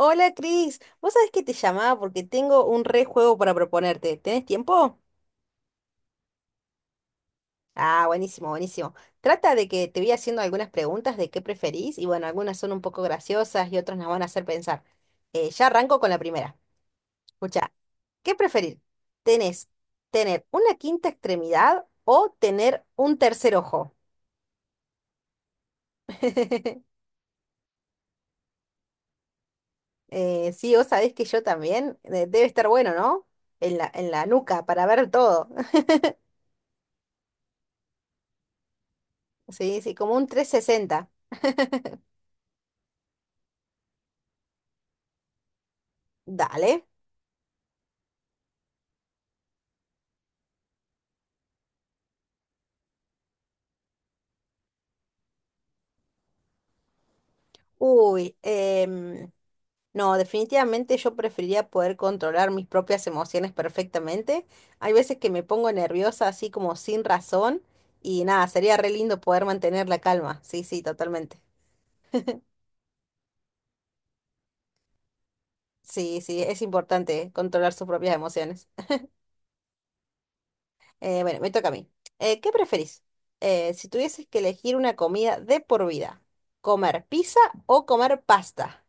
Hola Cris, vos sabés que te llamaba porque tengo un re juego para proponerte. ¿Tenés tiempo? Ah, buenísimo, buenísimo. Trata de que te voy haciendo algunas preguntas de qué preferís y bueno, algunas son un poco graciosas y otras nos van a hacer pensar. Ya arranco con la primera. Escucha, ¿qué preferir? ¿Tenés Tener una quinta extremidad o tener un tercer ojo? Sí, vos sabés que yo también. Debe estar bueno, ¿no? En la nuca para ver todo. Sí, sí, como un 360. Dale. Uy, no, definitivamente yo preferiría poder controlar mis propias emociones perfectamente. Hay veces que me pongo nerviosa así como sin razón y nada, sería re lindo poder mantener la calma. Sí, sí, totalmente. Sí, sí, es importante controlar sus propias emociones. Bueno, me toca a mí. ¿Qué preferís? Si tuvieses que elegir una comida de por vida, ¿comer pizza o comer pasta?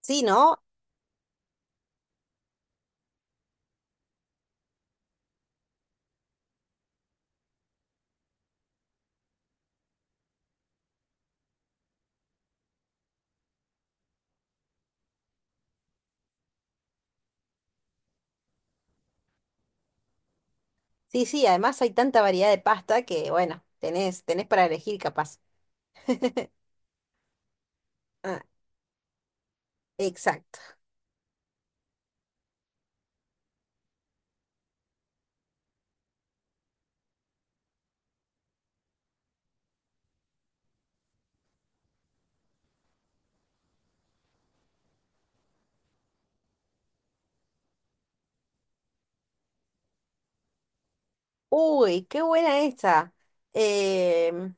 Sí, ¿no? Sí, sí, además hay tanta variedad de pasta que, bueno, tenés para elegir capaz. Ah, exacto. Uy, qué buena esta. Em,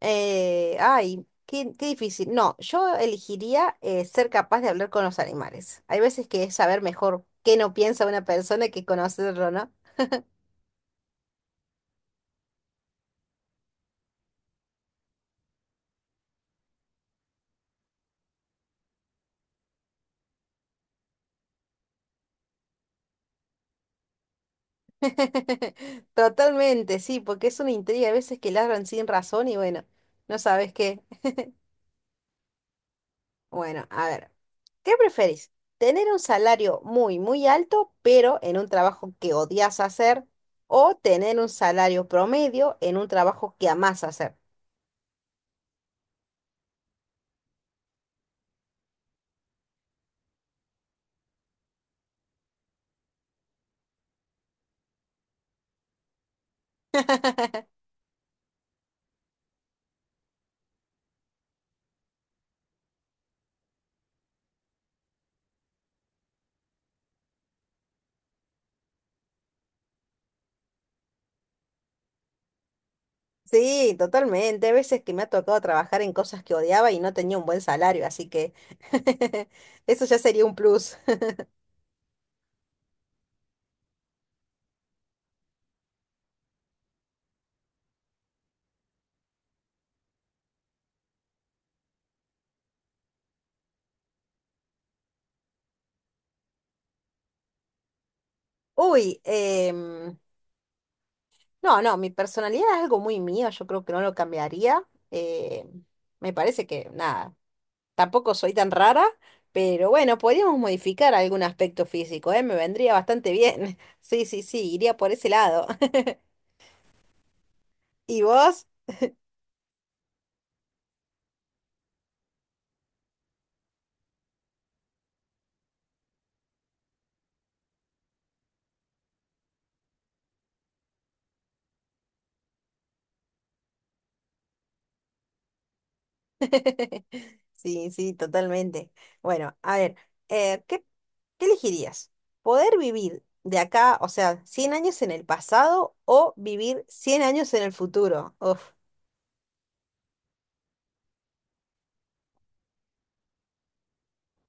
Ay, qué difícil. No, yo elegiría ser capaz de hablar con los animales. Hay veces que es saber mejor qué no piensa una persona que conocerlo, ¿no? Totalmente, sí, porque es una intriga. Hay veces que ladran sin razón y bueno, no sabes qué. Bueno, a ver. ¿Qué prefieres? ¿Tener un salario muy, muy alto, pero en un trabajo que odias hacer? ¿O tener un salario promedio en un trabajo que amás hacer? Sí, totalmente. Hay veces que me ha tocado trabajar en cosas que odiaba y no tenía un buen salario, así que eso ya sería un plus. Uy, no, no, mi personalidad es algo muy mío, yo creo que no lo cambiaría. eh, Me parece que nada. Tampoco soy tan rara, pero bueno, podríamos modificar algún aspecto físico, ¿eh? Me vendría bastante bien. Sí, sí, sí, iría por ese lado. ¿Y vos? Sí, sí, totalmente. Bueno, a ver, eh, ¿qué, qué elegirías? ¿Poder vivir de acá, o sea, 100 años en el pasado o vivir 100 años en el futuro? Uf,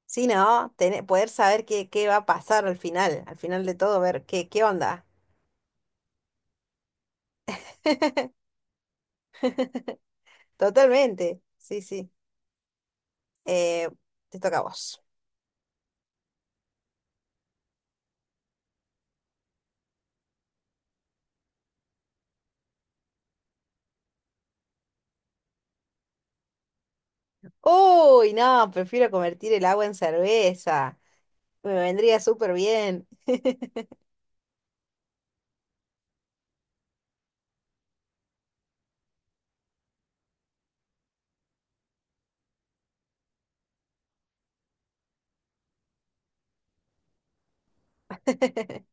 sí, ¿no? Tener, poder saber qué va a pasar al final de todo, ver qué onda. Totalmente, sí, sí. Eh, Te toca a vos. Uy, no, prefiero convertir el agua en cerveza. Me vendría súper bien.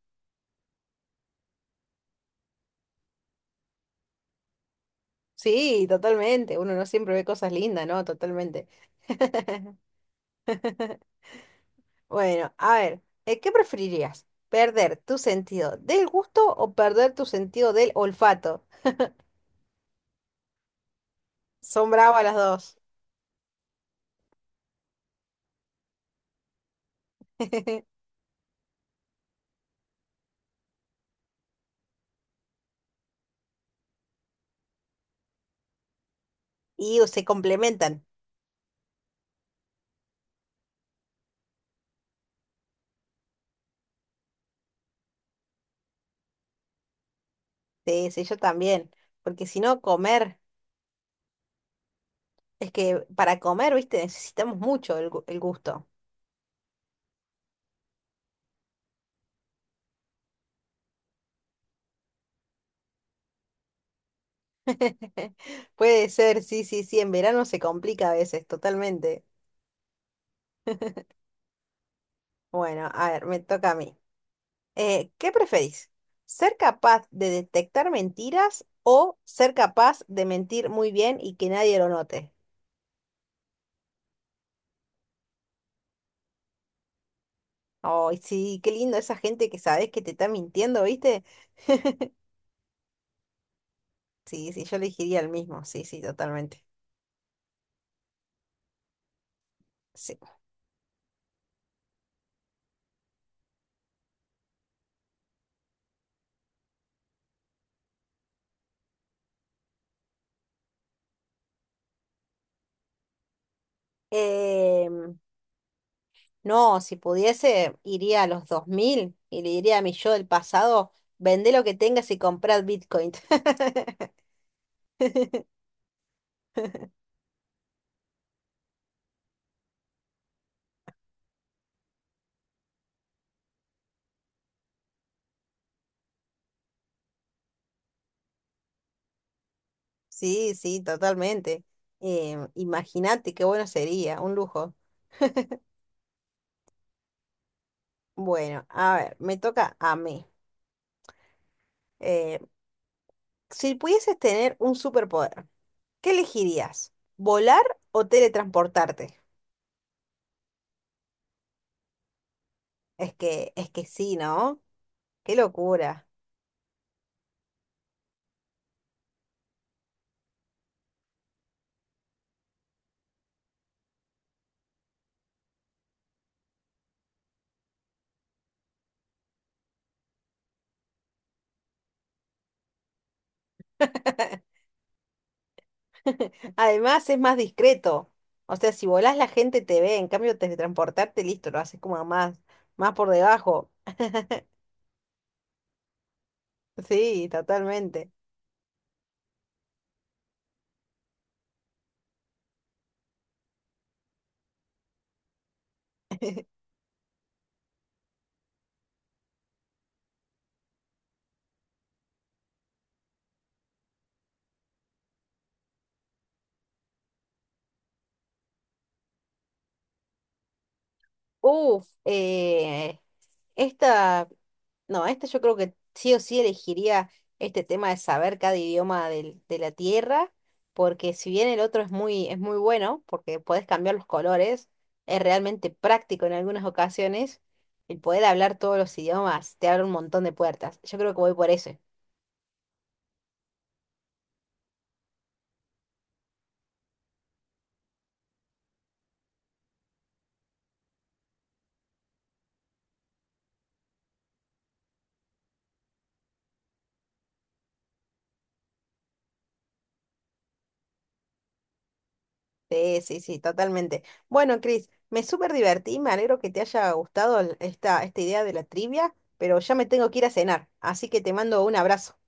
Sí, totalmente. Uno no siempre ve cosas lindas, ¿no? Totalmente. Bueno, a ver, ¿qué preferirías? ¿Perder tu sentido del gusto o perder tu sentido del olfato? Son bravas las dos. Y se complementan. Sí, sí, yo también. Porque si no, comer, es que para comer, viste, necesitamos mucho el gusto. Puede ser, sí, sí, sí, en verano se complica a veces, totalmente. Bueno, a ver, me toca a mí. ¿Qué preferís? ¿Ser capaz de detectar mentiras o ser capaz de mentir muy bien y que nadie lo note? Ay, sí, qué lindo esa gente que sabes que te está mintiendo, ¿viste? Sí, sí, yo elegiría el mismo, sí, sí, totalmente. Sí. Em, No, si pudiese, iría a los 2000 y le diría a mi yo del pasado, vende lo que tengas y comprad Bitcoin. Sí, sí, totalmente. Imagínate qué bueno sería, un lujo. Bueno, a ver, me toca a mí. Eh, si pudieses tener un superpoder, ¿qué elegirías? ¿Volar o teletransportarte? Es que sí, ¿no? Qué locura. Además es más discreto. O sea, si volás la gente te ve, en cambio teletransportarte, listo, lo haces como más, más por debajo. Sí, totalmente. Uf, esta, no, esta yo creo que sí o sí elegiría este tema de saber cada idioma de la tierra, porque si bien el otro es muy bueno, porque podés cambiar los colores, es realmente práctico en algunas ocasiones, el poder hablar todos los idiomas te abre un montón de puertas. Yo creo que voy por eso. Sí, sí, sí, totalmente. Bueno, Cris, me súper divertí, me alegro que te haya gustado esta idea de la trivia, pero ya me tengo que ir a cenar, así que te mando un abrazo.